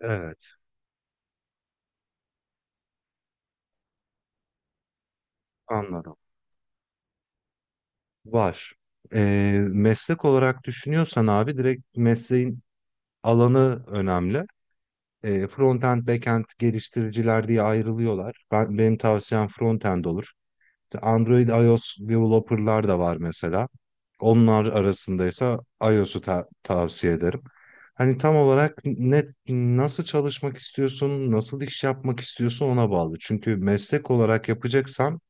Evet, anladım. Var. Meslek olarak düşünüyorsan abi direkt mesleğin alanı önemli. Frontend, backend geliştiriciler diye ayrılıyorlar. Benim tavsiyem frontend olur. İşte Android, iOS developerlar da var mesela. Onlar arasındaysa iOS'u tavsiye ederim. Hani tam olarak nasıl çalışmak istiyorsun, nasıl iş yapmak istiyorsun ona bağlı. Çünkü meslek olarak yapacaksan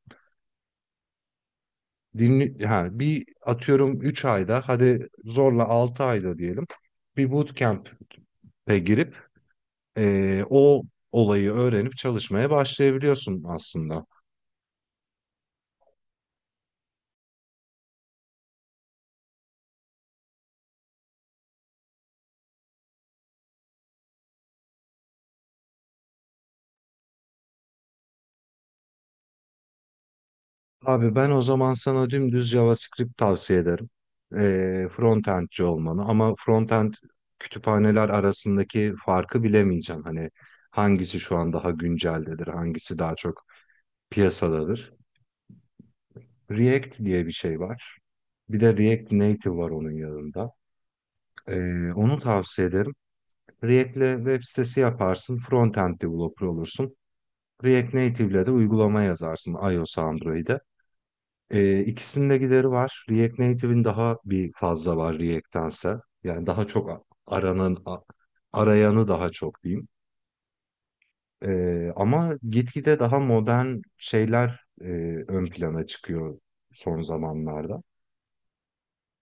dinli ha bir atıyorum 3 ayda hadi zorla 6 ayda diyelim bir bootcamp'e girip o olayı öğrenip çalışmaya başlayabiliyorsun aslında. Abi ben o zaman sana dümdüz JavaScript tavsiye ederim. Frontendci olmanı, ama frontend kütüphaneler arasındaki farkı bilemeyeceğim. Hani hangisi şu an daha günceldedir, hangisi daha çok piyasadadır. React diye bir şey var. Bir de React Native var onun yanında. Onu tavsiye ederim. React'le web sitesi yaparsın, frontend developer olursun. React Native'le de uygulama yazarsın iOS, Android'e. İkisinin de gideri var. React Native'in daha bir fazla var React'tense. Yani daha çok aranan, arayanı daha çok diyeyim. Ama gitgide daha modern şeyler ön plana çıkıyor son zamanlarda.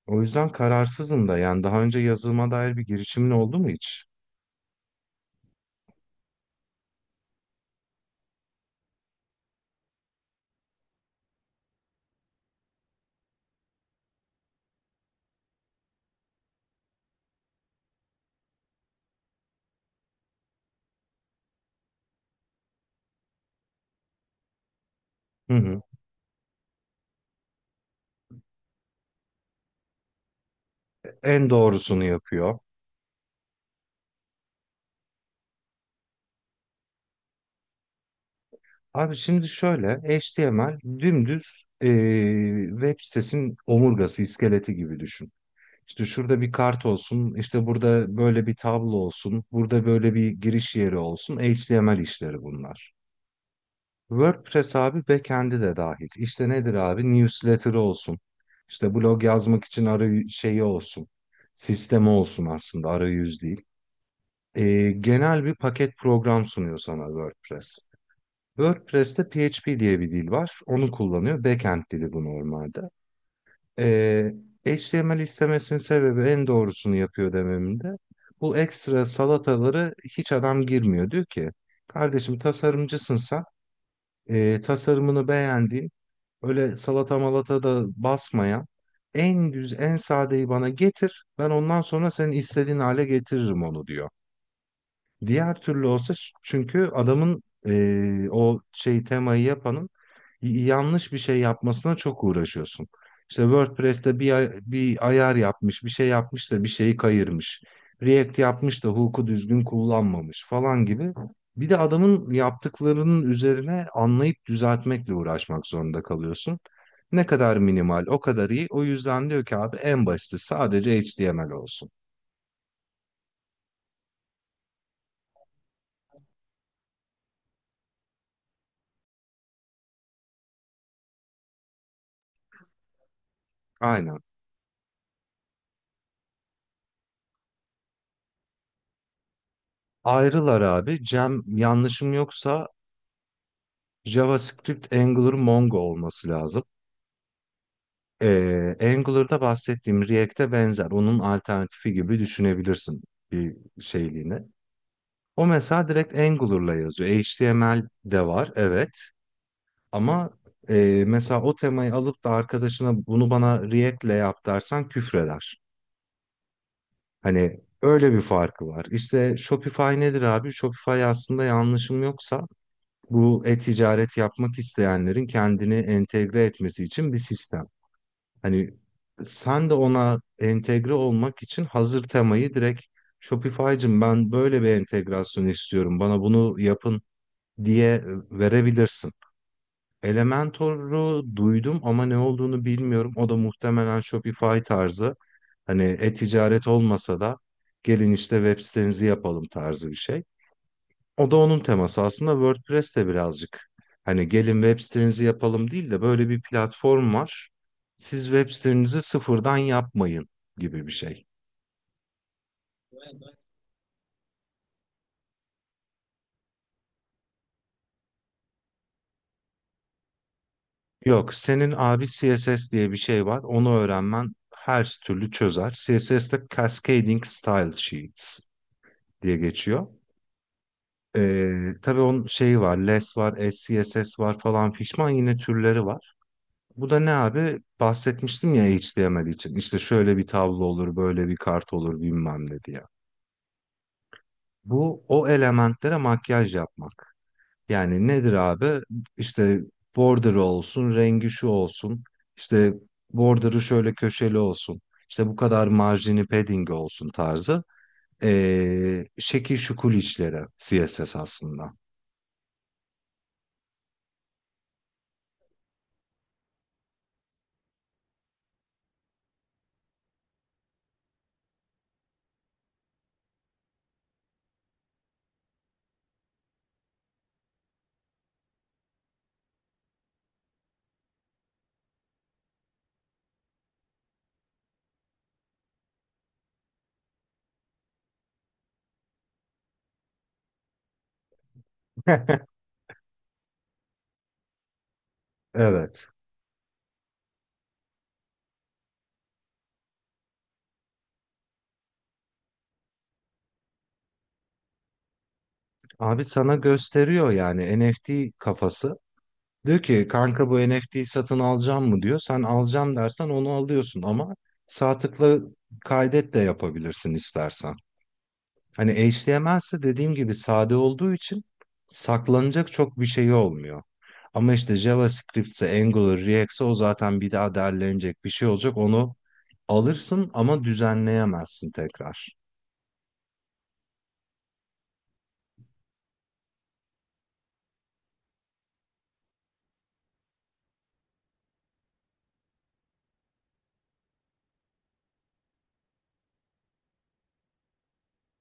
O yüzden kararsızım da. Yani daha önce yazılıma dair bir girişimin oldu mu hiç? Hı hı. En doğrusunu yapıyor. Abi şimdi şöyle, HTML dümdüz, web sitesinin omurgası, iskeleti gibi düşün. İşte şurada bir kart olsun, işte burada böyle bir tablo olsun, burada böyle bir giriş yeri olsun. HTML işleri bunlar. WordPress abi backend'i de dahil. İşte nedir abi? Newsletter olsun. İşte blog yazmak için arayüz şeyi olsun. Sistemi olsun aslında, arayüz değil. Genel bir paket program sunuyor sana WordPress. WordPress'te PHP diye bir dil var. Onu kullanıyor. Backend dili bu normalde. Ee, HTML istemesinin sebebi en doğrusunu yapıyor dememde. Bu ekstra salataları hiç adam girmiyor. Diyor ki kardeşim tasarımcısın sen. Tasarımını beğendiğin, öyle salata malata da basmayan, en düz en sadeyi bana getir. Ben ondan sonra senin istediğin hale getiririm onu diyor. Diğer türlü olsa, çünkü adamın, o şey temayı yapanın yanlış bir şey yapmasına çok uğraşıyorsun. İşte WordPress'te bir ayar yapmış, bir şey yapmış da bir şeyi kayırmış. React yapmış da hook'u düzgün kullanmamış falan gibi. Bir de adamın yaptıklarının üzerine anlayıp düzeltmekle uğraşmak zorunda kalıyorsun. Ne kadar minimal, o kadar iyi. O yüzden diyor ki abi en basiti sadece HTML olsun. Aynen. Ayrılar abi. Cem, yanlışım yoksa JavaScript, Angular, Mongo olması lazım. Angular'da bahsettiğim React'e benzer. Onun alternatifi gibi düşünebilirsin bir şeyliğini. O mesela direkt Angular'la yazıyor. HTML de var, evet. Ama mesela o temayı alıp da arkadaşına bunu bana React'le yap dersen küfreder. Hani öyle bir farkı var. İşte Shopify nedir abi? Shopify aslında yanlışım yoksa bu e-ticaret yapmak isteyenlerin kendini entegre etmesi için bir sistem. Hani sen de ona entegre olmak için hazır temayı direkt, Shopify'cım ben böyle bir entegrasyon istiyorum, bana bunu yapın diye verebilirsin. Elementor'u duydum ama ne olduğunu bilmiyorum. O da muhtemelen Shopify tarzı. Hani e-ticaret olmasa da gelin işte web sitenizi yapalım tarzı bir şey. O da onun teması. Aslında WordPress de birazcık, hani gelin web sitenizi yapalım değil de, böyle bir platform var. Siz web sitenizi sıfırdan yapmayın gibi bir şey. Yok, senin abi CSS diye bir şey var. Onu öğrenmen her türlü çözer. CSS'de Cascading Style Sheets diye geçiyor. Tabii onun şeyi var, less var, SCSS var falan fişman, yine türleri var. Bu da ne abi? Bahsetmiştim ya HTML için. İşte şöyle bir tablo olur, böyle bir kart olur bilmem ne diye. Bu, o elementlere makyaj yapmak. Yani nedir abi? İşte border olsun, rengi şu olsun. İşte border'ı şöyle köşeli olsun. İşte bu kadar marjini, padding olsun tarzı. Şekil şukul işleri CSS aslında. Evet. Abi sana gösteriyor yani, NFT kafası. Diyor ki kanka bu NFT'yi satın alacağım mı diyor. Sen alacağım dersen onu alıyorsun ama sağ tıkla kaydet de yapabilirsin istersen. Hani HTML ise dediğim gibi sade olduğu için saklanacak çok bir şey olmuyor. Ama işte JavaScript'se, Angular, React'se, o zaten bir daha derlenecek bir şey olacak. Onu alırsın ama düzenleyemezsin tekrar.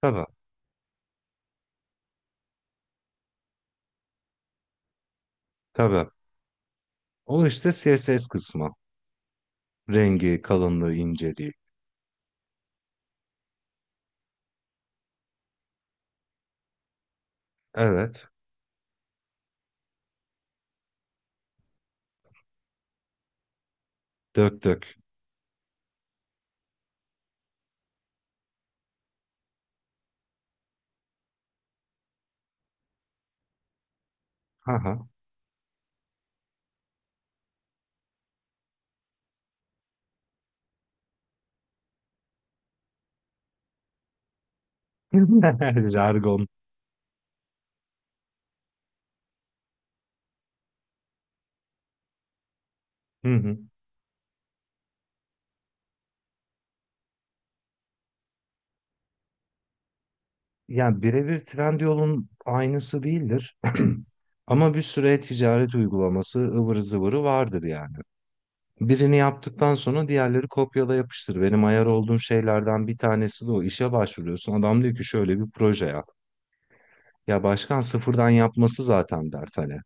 Tabii, tabii. O işte CSS kısmı. Rengi, kalınlığı, inceliği. Evet. Dök dök. Haha. Jargon. Hı hı. Yani birebir Trendyol'un aynısı değildir. Ama bir süre ticaret uygulaması ıvırı zıvırı vardır yani. Birini yaptıktan sonra diğerleri kopyala yapıştır. Benim ayar olduğum şeylerden bir tanesi de o. İşe başvuruyorsun. Adam diyor ki şöyle bir proje yap. Ya başkan, sıfırdan yapması zaten dert hani.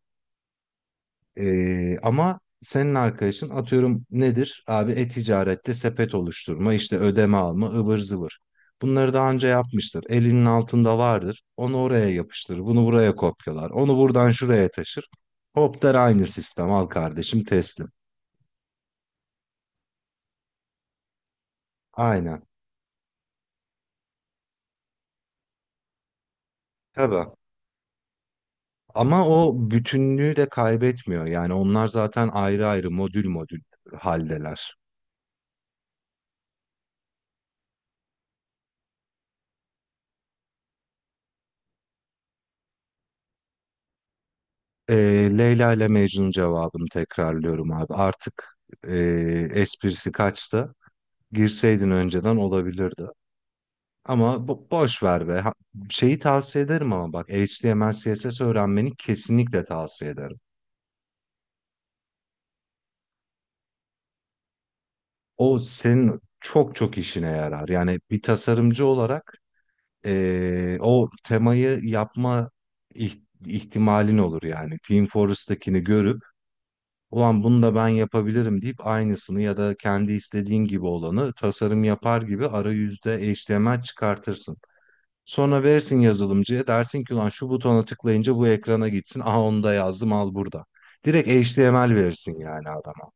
Ama senin arkadaşın, atıyorum, nedir? Abi e-ticarette sepet oluşturma, işte ödeme alma, ıvır zıvır. Bunları daha önce yapmıştır. Elinin altında vardır. Onu oraya yapıştırır. Bunu buraya kopyalar. Onu buradan şuraya taşır. Hop der, aynı sistem. Al kardeşim, teslim. Aynen. Tabii. Ama o bütünlüğü de kaybetmiyor. Yani onlar zaten ayrı ayrı modül modül haldeler. Ee, Leyla ile Mecnun cevabını tekrarlıyorum abi. Artık esprisi kaçtı. Girseydin önceden olabilirdi. Ama boş ver be. Şeyi tavsiye ederim, ama bak HTML CSS öğrenmeni kesinlikle tavsiye ederim. O senin çok çok işine yarar. Yani bir tasarımcı olarak o temayı yapma ihtimalin olur yani. Team Fortress'takini görüp, ulan bunu da ben yapabilirim deyip, aynısını ya da kendi istediğin gibi olanı tasarım yapar gibi arayüzde HTML çıkartırsın. Sonra verirsin yazılımcıya, dersin ki ulan şu butona tıklayınca bu ekrana gitsin. Aha onu da yazdım, al burada. Direkt HTML verirsin yani adama.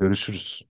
Görüşürüz.